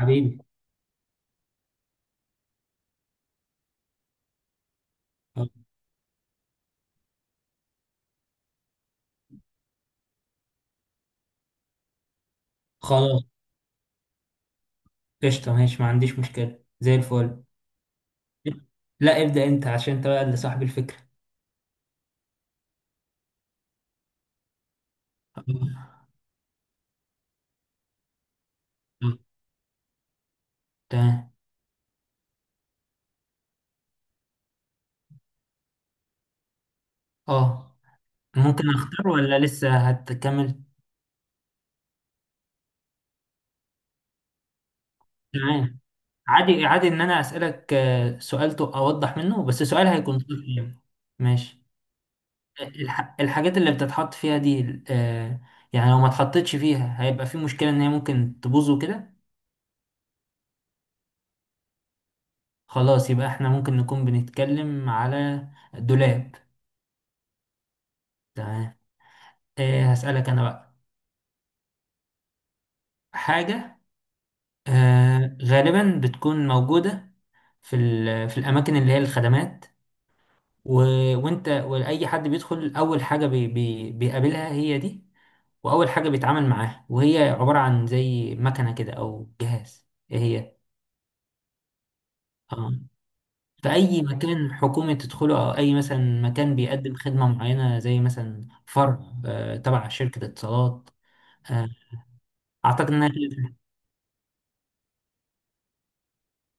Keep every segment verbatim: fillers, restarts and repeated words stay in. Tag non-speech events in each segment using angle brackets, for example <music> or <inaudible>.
حبيبي. خلاص، قشطة، ماشي، ما عنديش مشكلة زي الفل. لا، ابدأ انت عشان انت بقى اللي صاحب الفكرة. آه، تمام. اه، ممكن اختار ولا لسه هتكمل؟ تمام. عادي عادي ان انا اسألك آه، سؤال تو- اوضح منه، بس سؤال هيكون دقيق يعني. ماشي. الح... الحاجات اللي بتتحط فيها دي، آه، يعني لو ما اتحطتش فيها هيبقى في مشكلة ان هي ممكن تبوظ وكده. خلاص، يبقى احنا ممكن نكون بنتكلم على الدولاب. تمام. آه، هسألك أنا بقى حاجة. آه، غالبا بتكون موجودة في ال- في الأماكن اللي هي الخدمات، و... وأنت وأي حد بيدخل أول حاجة بي... بي... بيقابلها هي دي. وأول حاجة بيتعامل معاها، وهي عبارة عن زي مكنة كده أو جهاز. إيه هي؟ آه. في أي مكان حكومي تدخله، أو أي مثلا مكان بيقدم خدمة معينة زي مثلا فرع آه، تبع شركة اتصالات. آه، أعتقد إنها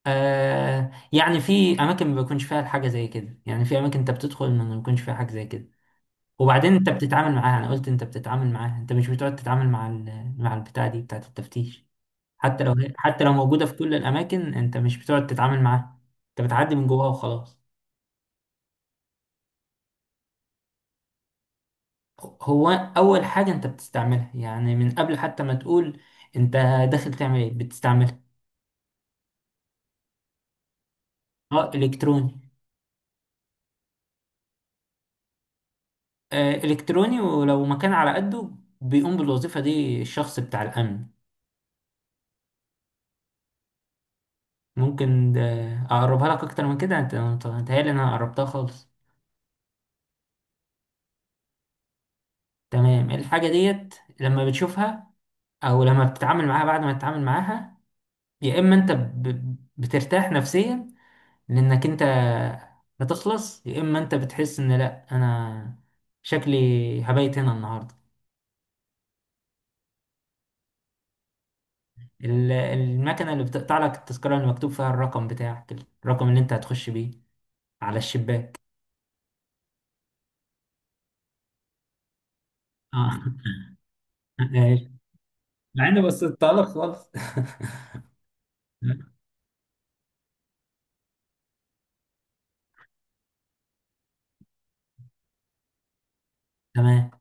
آه يعني في اماكن ما بيكونش فيها الحاجه زي كده، يعني في اماكن انت بتدخل ما ما بيكونش فيها حاجه زي كده. وبعدين انت بتتعامل معاها، انا قلت انت بتتعامل معاها، انت مش بتقعد تتعامل مع ال- مع البتاع دي بتاعه التفتيش. حتى لو هي حتى لو موجوده في كل الاماكن، انت مش بتقعد تتعامل معاها. انت بتعدي من جواها وخلاص. هو اول حاجه انت بتستعملها، يعني من قبل حتى ما تقول انت داخل تعمل ايه بتستعملها. اه، الكتروني. آه، الكتروني، ولو مكان على قده بيقوم بالوظيفه دي الشخص بتاع الامن. ممكن ده اقربها لك اكتر من كده، انت انت متهيألي ان انا قربتها خالص. تمام. إيه الحاجه ديت لما بتشوفها، او لما بتتعامل معاها بعد ما تتعامل معاها؟ يا اما انت ب... بترتاح نفسيا لانك انت هتخلص، يا اما انت بتحس ان لا انا شكلي هبيت هنا النهارده. ال- المكنه اللي بتقطع لك التذكره اللي مكتوب فيها الرقم بتاعك، الرقم اللي انت هتخش بيه على الشباك. اه. <laughs> مع اني بصيت لك خالص. <laughs> تمام.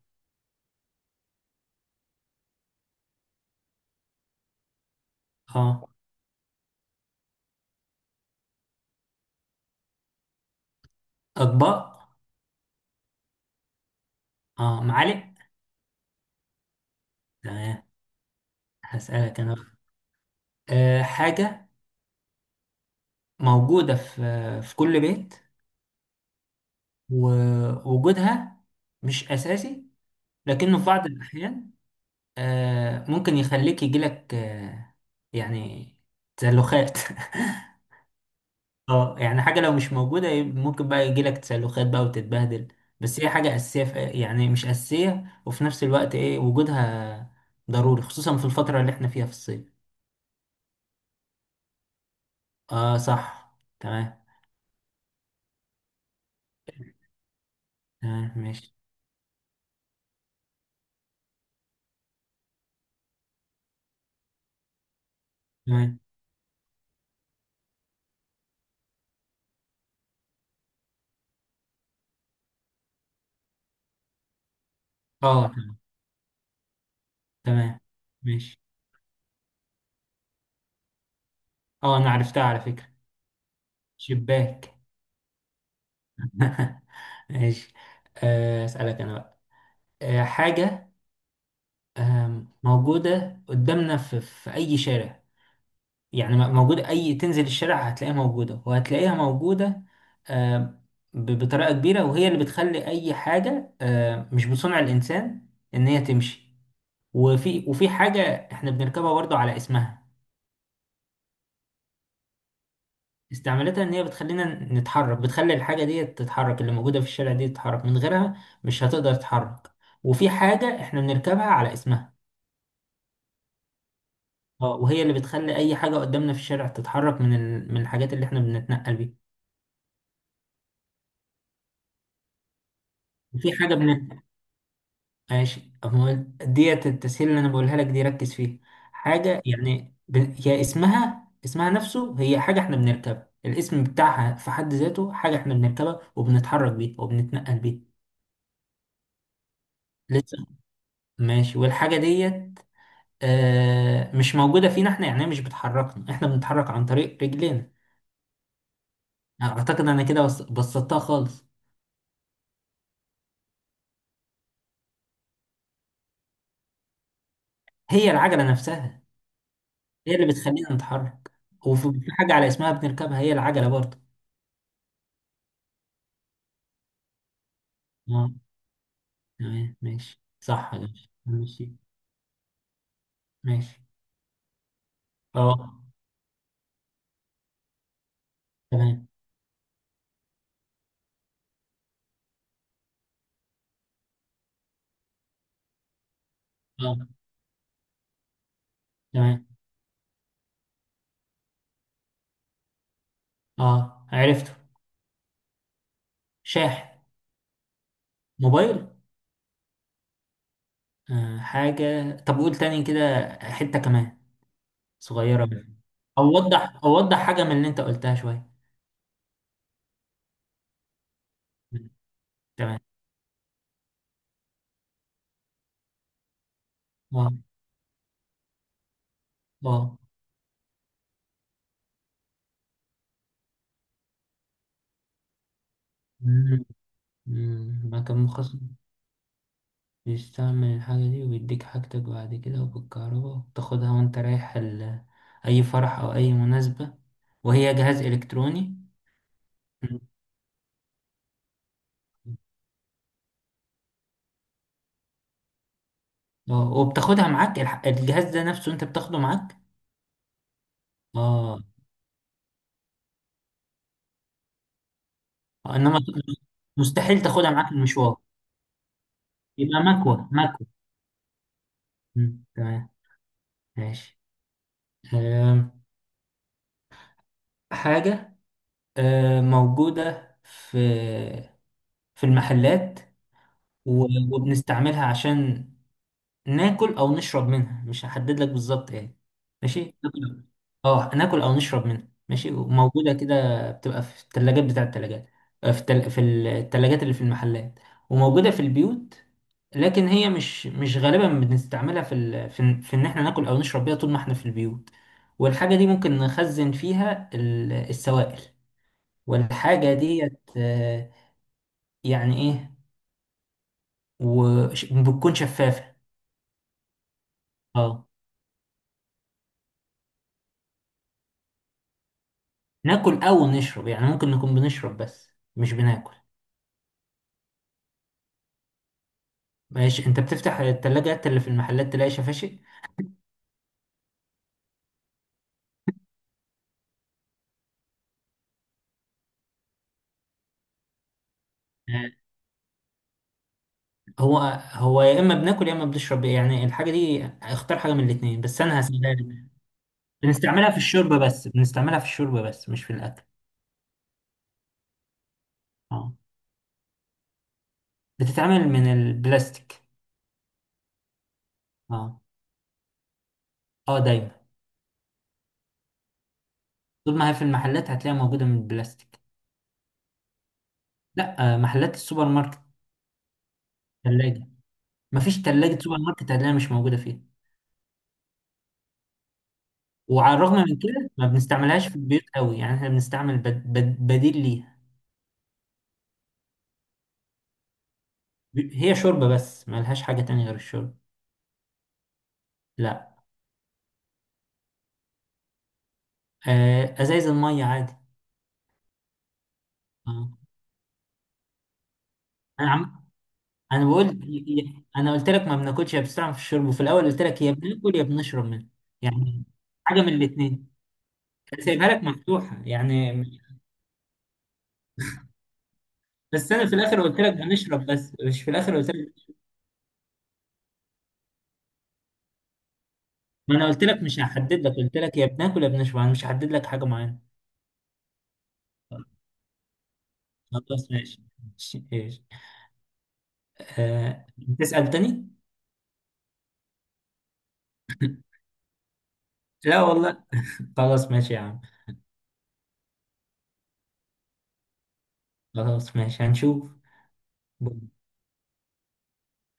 اه، اطباق. اه، معالق. تمام. هسألك انا بقى. آه حاجة موجودة في في كل بيت، ووجودها مش أساسي، لكنه في بعض الأحيان آه ممكن يخليك يجيلك آه يعني تسلخات. <laughs> اه، يعني حاجة لو مش موجودة يب- ممكن بقى يجيلك تسلخات بقى وتتبهدل. بس هي حاجة أساسية في، يعني مش أساسية وفي نفس الوقت إيه وجودها ضروري، خصوصا في الفترة اللي احنا فيها في الصيف. اه، صح. تمام. تمام، ماشي. تمام. اه، تمام. تمام. ماشي. اه، انا عرفتها على فكرة. شباك. <laughs> ماشي. آه، اسألك انا بقى. آه، حاجة آم، موجودة قدامنا في, في اي شارع. يعني م- موجودة، اي تنزل الشارع هتلاقيها موجودة وهتلاقيها موجودة آم، ب- بطريقة كبيرة، وهي اللي بتخلي اي حاجة آم، مش بصنع الانسان ان هي تمشي. وفي وفي حاجة احنا بنركبها برضو على اسمها. استعمالتها ان هي بتخلينا نتحرك، بتخلي الحاجه دي تتحرك، اللي موجوده في الشارع دي تتحرك، من غيرها مش هتقدر تتحرك. وفي حاجه احنا بنركبها على اسمها. اه، وهي اللي بتخلي اي حاجه قدامنا في الشارع تتحرك من ال... من الحاجات اللي احنا بنتنقل بيها. وفي حاجه بن... ماشي، أما ديت التسهيل اللي انا بقولها لك دي، ركز فيها حاجه يعني ب... هي اسمها اسمها نفسه، هي حاجه احنا بنركبها، الاسم بتاعها في حد ذاته حاجه احنا بنركبها وبنتحرك بيها وبنتنقل بيها. لسه، ماشي. والحاجه ديت آه، مش موجودة فينا احنا، يعني هي مش بتحركنا، احنا بنتحرك عن طريق رجلينا. يعني اعتقد انا كده بس- بسطتها خالص. هي العجلة نفسها، هي اللي بتخلينا نتحرك، وفي في حاجة على اسمها بنركبها هي العجلة برضه. اه، تمام. ماشي، صح يا باشا. ماشي. ماشي. اه، تمام. اه، تمام. اه، عرفته. شاحن. موبايل. آه حاجة؟ طب قول تاني كده حتة كمان صغيرة بس. أوضح أوضح حاجة من اللي أنت قلتها شوية. تمام. اه. اه. مم. مم، ما كان مخصص بيستعمل الحاجة دي ويديك حاجتك بعد كده وبالكهرباء، وتاخدها وانت رايح ال... أي فرح أو أي مناسبة، وهي جهاز إلكتروني. مم. اه، وبتاخدها معاك الح- الجهاز ده نفسه، انت بتاخده معاك. اه، انما مستحيل تاخدها معاك المشوار. يبقى مكوة، مكوة. مم. تمام. ماشي. آم، حاجة آم، موجودة في في المحلات، و- وبنستعملها عشان ناكل او نشرب منها، مش هحدد لك بالظبط ايه. ماشي، ناكل. اه، ناكل او نشرب منها. ماشي، موجوده كده، بتبقى في الثلاجات بتاع الثلاجات. في التل... في الثلاجات اللي في المحلات، وموجوده في البيوت. لكن هي مش مش غالبا بنستعملها في ال... في, إن- في ان احنا ناكل او نشرب بيها طول ما احنا في البيوت. والحاجه دي ممكن نخزن فيها ال- السوائل. والحاجه ديت آه، يعني ايه. وبتكون شفافه. اه، ناكل او نشرب، يعني ممكن نكون بنشرب بس مش بناكل. ماشي، انت بتفتح التلاجات اللي في المحلات تلاقي شفاشي. آه، هو هو يا اما بناكل يا اما بنشرب، يعني الحاجه دي اختار حاجه من الاثنين بس انا هسألها لك. بنستعملها في الشرب بس، بنستعملها في الشرب بس مش في الاكل. اه، بتتعمل من البلاستيك. اه. اه، دايما. طول ما هي في المحلات هتلاقيها موجوده من البلاستيك. لا، آه، محلات السوبر ماركت. ثلاجه. مفيش ثلاجه سوبر ماركت هتلاقيها مش موجوده فيها. وعلى الرغم من كده ما بنستعملهاش في البيوت قوي، يعني احنا بنستعمل بد بد بديل ليها. ب- هي شوربة بس ما لهاش حاجة تانية غير الشوربة. لا، آه، ازايز المية عادي. آه. انا عم انا بقول ي- ي- انا قلت لك ما بناكلش، يا بنستعمل في الشرب، وفي الاول قلت لك يا بناكل يا بنشرب منها. يعني حاجة من الاتنين، كان سايبها لك مفتوحة يعني. بس انا في الاخر قلت لك بنشرب بس، مش في الاخر قلت لك. ما انا قلت لك مش هحدد لك، قلت لك يا بناكل يا بنشرب، انا مش هحدد لك حاجة معينة. خلاص، ماشي. ماشي. آه، تسأل تاني؟ لا والله. خلاص ماشي يا عم. خلاص، ماشي، هنشوف.